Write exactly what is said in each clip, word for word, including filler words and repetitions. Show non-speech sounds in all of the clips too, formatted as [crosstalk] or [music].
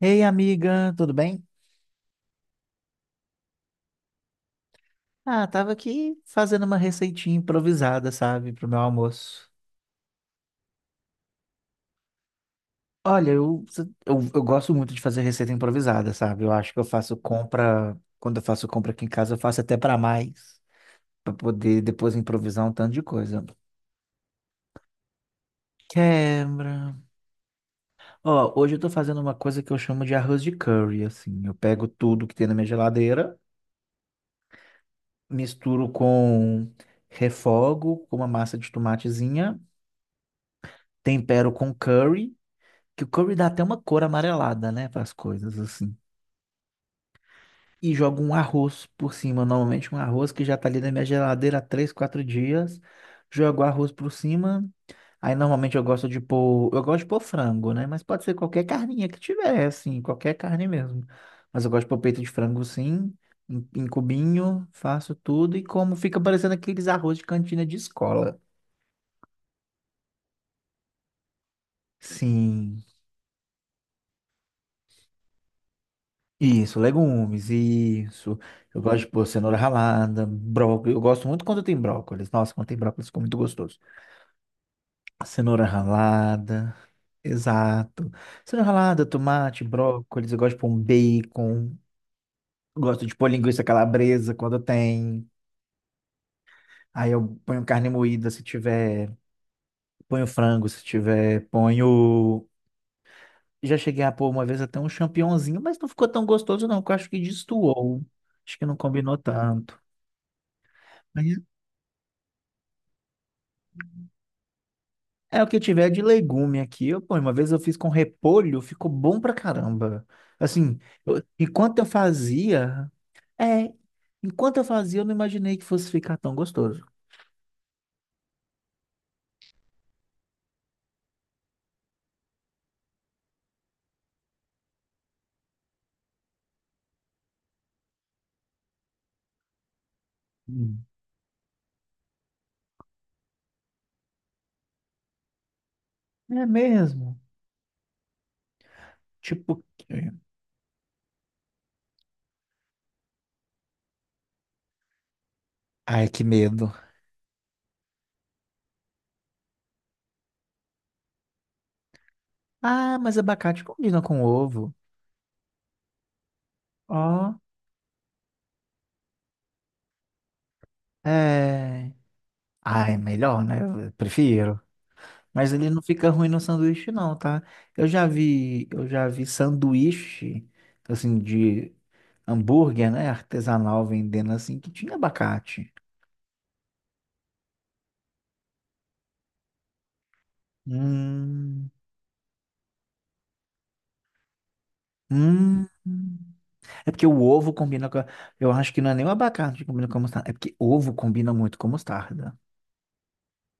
Ei, amiga, tudo bem? Ah, tava aqui fazendo uma receitinha improvisada, sabe, pro meu almoço. Olha, eu, eu, eu gosto muito de fazer receita improvisada, sabe? Eu acho que eu faço compra, quando eu faço compra aqui em casa, eu faço até pra mais, pra poder depois improvisar um tanto de coisa. Quebra. Ó, hoje eu tô fazendo uma coisa que eu chamo de arroz de curry, assim. Eu pego tudo que tem na minha geladeira, misturo com refogo, com uma massa de tomatezinha, tempero com curry. Que o curry dá até uma cor amarelada, né, para as coisas, assim. E jogo um arroz por cima, normalmente um arroz que já tá ali na minha geladeira há três, quatro dias. Jogo arroz por cima. Aí normalmente eu gosto de pôr, eu gosto de pôr frango, né? Mas pode ser qualquer carninha que tiver, assim, qualquer carne mesmo. Mas eu gosto de pôr peito de frango sim, em, em cubinho, faço tudo e como fica parecendo aqueles arroz de cantina de escola. Sim. Isso, legumes, isso. Eu gosto de pôr cenoura ralada, brócolis. Eu gosto muito quando tem brócolis. Nossa, quando tem brócolis fica muito gostoso. Cenoura ralada, exato. Cenoura ralada, tomate, brócolis. Eu gosto de pôr um bacon. Eu gosto de pôr linguiça calabresa quando tem. Aí eu ponho carne moída se tiver. Ponho frango se tiver. Ponho. Já cheguei a pôr uma vez até um champignonzinho, mas não ficou tão gostoso, não, que eu acho que destoou. Acho que não combinou tanto. É o que tiver de legume aqui. Eu, pô, uma vez eu fiz com repolho, ficou bom pra caramba. Assim, eu- enquanto eu fazia, é, enquanto eu fazia, eu não imaginei que fosse ficar tão gostoso. Hum. É mesmo. Tipo, que- ai, que medo. Ah, mas abacate combina com ovo. Ó, é. Ai, melhor, né? Eu prefiro. Mas ele não fica ruim no sanduíche, não, tá? Eu já vi, eu já vi sanduíche, assim, de hambúrguer, né? Artesanal vendendo assim, que tinha abacate. Hum. Hum. É porque o ovo combina com. a- Eu acho que não é nem o abacate que combina com a mostarda. É porque ovo combina muito com mostarda.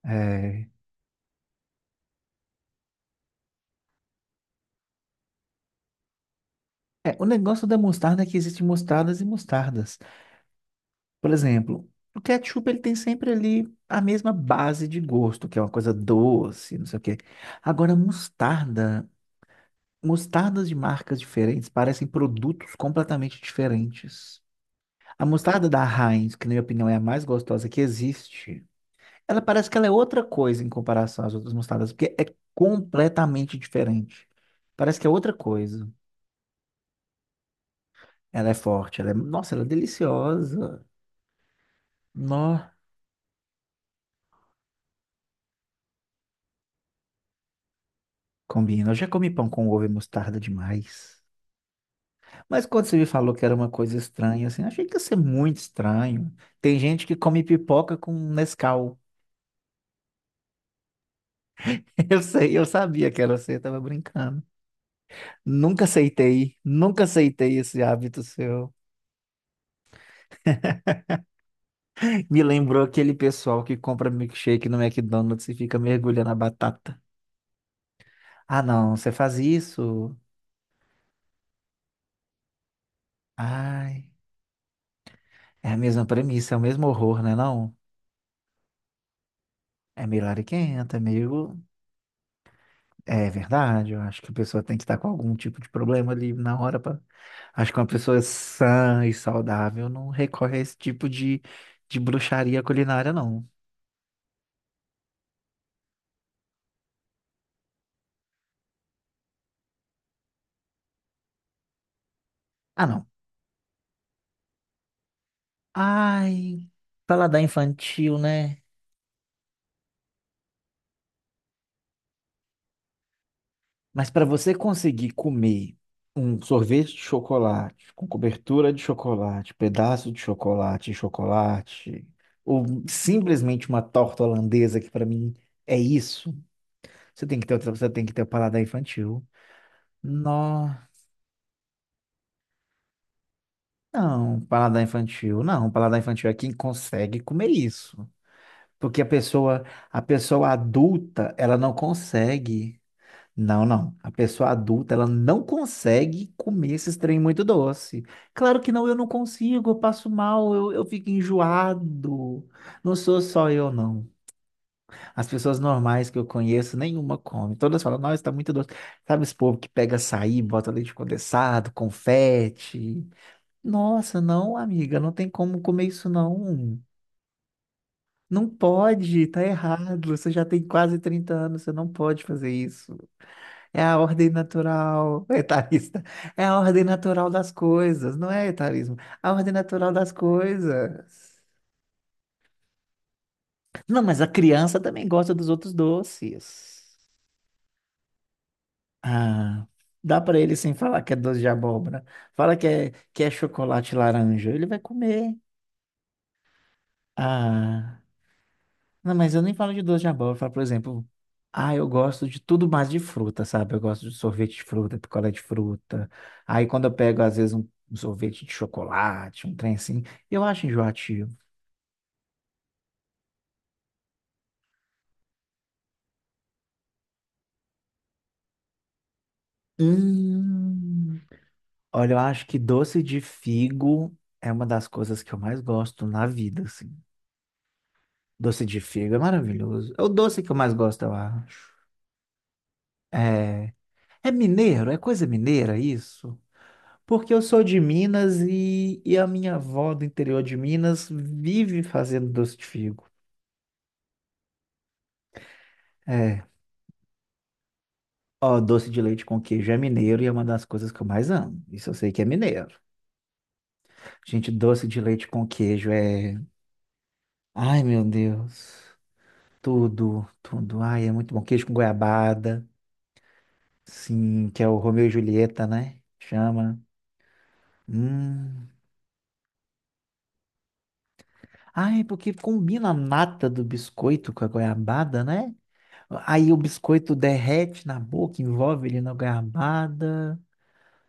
É. É, o negócio da mostarda é que existem mostardas e mostardas. Por exemplo, o ketchup ele tem sempre ali a mesma base de gosto, que é uma coisa doce, não sei o quê. Agora, mostarda, mostardas de marcas diferentes parecem produtos completamente diferentes. A mostarda da Heinz, que na minha opinião é a mais gostosa que existe, ela parece que ela é outra coisa em comparação às outras mostardas, porque é completamente diferente. Parece que é outra coisa. Ela é forte, ela é, nossa, ela é deliciosa. Nó, combina. Eu já comi pão com ovo e mostarda demais. Mas quando você me falou que era uma coisa estranha, assim, achei que ia ser muito estranho. Tem gente que come pipoca com Nescau. [laughs] Eu sei, eu sabia que era você, eu tava brincando. Nunca aceitei, nunca aceitei esse hábito seu. Me lembrou aquele pessoal que compra milkshake no McDonald's e fica mergulhando a batata. Ah, não, você faz isso? Ai, é a mesma premissa, é o mesmo horror, né, não? É meio lariquenta, é meio... É verdade, eu acho que a pessoa tem que estar com algum tipo de problema ali na hora pra... Acho que uma pessoa sã e saudável não recorre a esse tipo de, de bruxaria culinária, não. Ah, não. Ai, paladar infantil, né? Mas para você conseguir comer um sorvete de chocolate, com cobertura de chocolate, pedaço de chocolate, e chocolate, ou simplesmente uma torta holandesa, que para mim é isso, você tem que ter outra, você tem que ter o paladar infantil. Nó- Não, paladar infantil, não, paladar infantil é quem consegue comer isso. Porque a pessoa, a pessoa adulta, ela não consegue. Não, não. A pessoa adulta, ela não consegue comer esses trem muito doce. Claro que não, eu não consigo, eu passo mal, eu, eu fico enjoado. Não sou só eu, não. As pessoas normais que eu conheço, nenhuma come. Todas falam, nossa, tá muito doce. Sabe esse povo que pega açaí, bota leite condensado, confete? Nossa, não, amiga, não tem como comer isso, não. Não pode, tá errado. Você já tem quase trinta anos, você não pode fazer isso. É a ordem natural, [laughs] etarista. É a ordem natural das coisas, não é etarismo. A ordem natural das coisas. Não, mas a criança também gosta dos outros doces. Ah, dá para ele sem falar que é doce de abóbora. Fala que é, que é chocolate laranja, ele vai comer. Ah. Não, mas eu nem falo de doce de abóbora. Eu falo, por exemplo, ah, eu gosto de tudo mais de fruta, sabe? Eu gosto de sorvete de fruta, picolé de fruta. Aí quando eu pego, às vezes, um, um sorvete de chocolate, um trem assim, eu acho enjoativo. Hum. Olha, eu acho que doce de figo é uma das coisas que eu mais gosto na vida, assim. Doce de figo é maravilhoso. É o doce que eu mais gosto, eu acho. É, é mineiro, é coisa mineira isso? Porque eu sou de Minas e, e a minha avó do interior de Minas vive fazendo doce de figo. É. Ó, doce de leite com queijo é mineiro e é uma das coisas que eu mais amo. Isso eu sei que é mineiro. Gente, doce de leite com queijo é. Ai, meu Deus. Tudo, tudo. Ai, é muito bom. Queijo com goiabada. Sim, que é o Romeu e Julieta, né? Chama. Hum. Ai, porque combina a nata do biscoito com a goiabada, né? Aí o biscoito derrete na boca, envolve ele na garrabada.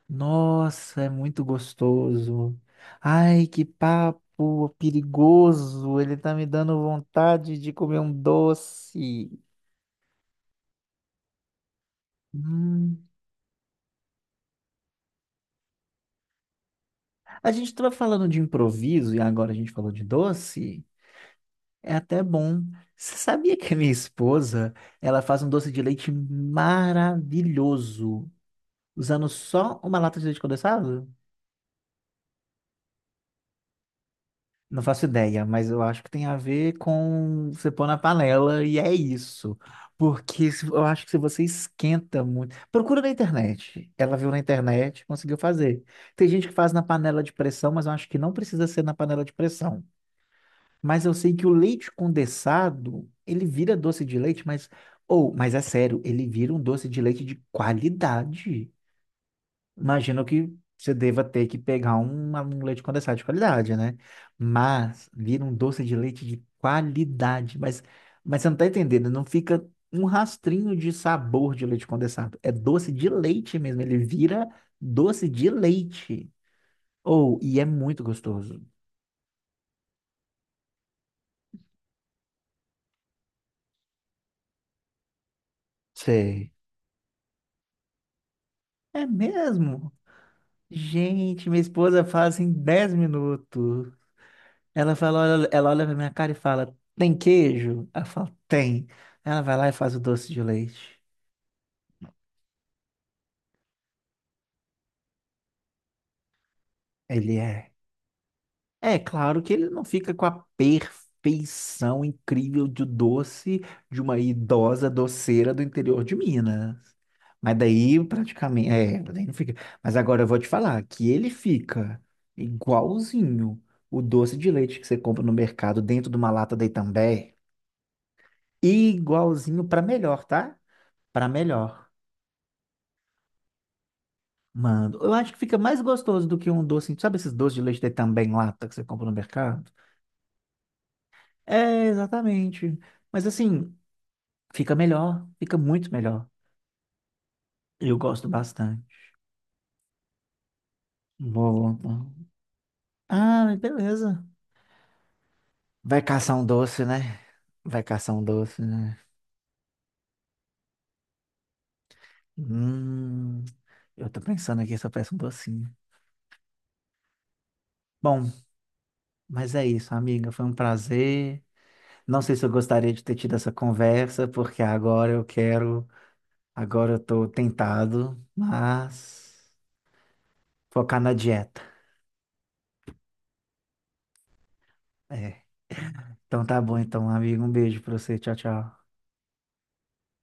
Nossa, é muito gostoso. Ai, que papo perigoso. Ele tá me dando vontade de comer um doce. Hum. A gente estava falando de improviso e agora a gente falou de doce. É até bom. Você sabia que a minha esposa, ela faz um doce de leite maravilhoso, usando só uma lata de leite condensado? Não faço ideia, mas eu acho que tem a ver com você pôr na panela e é isso. Porque se- eu acho que se você esquenta muito. Procura na internet. Ela viu na internet, conseguiu fazer. Tem gente que faz na panela de pressão, mas eu acho que não precisa ser na panela de pressão. Mas eu sei que o leite condensado, ele vira doce de leite, mas. Ou, mas é sério, ele vira um doce de leite de qualidade. Imagino que você deva ter que pegar um, um leite condensado de qualidade, né? Mas vira um doce de leite de qualidade. Mas, mas você não tá entendendo, não fica um rastrinho de sabor de leite condensado. É doce de leite mesmo, ele vira doce de leite. Ou, e é muito gostoso. Sei. É mesmo? Gente, minha esposa faz em dez minutos. Ela fala, olha- ela olha pra minha cara e fala, tem queijo? Ela fala, tem. Ela vai lá e faz o doce de leite. Ele é. É claro que ele não fica com a perfeição incrível de doce de uma idosa doceira do interior de Minas. Mas daí praticamente, é, daí não fica. Mas agora eu vou te falar que ele fica igualzinho o doce de leite que você compra no mercado dentro de uma lata da Itambé, igualzinho para melhor, tá? Para melhor. Mano, eu acho que fica mais gostoso do que um doce. Sabe esses doces de leite de também em lata que você compra no mercado? É, exatamente. Mas assim, fica melhor, fica muito melhor. Eu gosto bastante. Boa. Ah, mas beleza. Vai caçar um doce, né? Vai caçar um doce, né? Hum, eu tô pensando aqui se eu peço um docinho. Bom, mas é isso, amiga. Foi um prazer. Não sei se eu gostaria de ter tido essa conversa, porque agora eu quero. Agora eu tô tentado, mas focar na dieta. É. Então tá bom, então, amigo. Um beijo pra você. Tchau, tchau.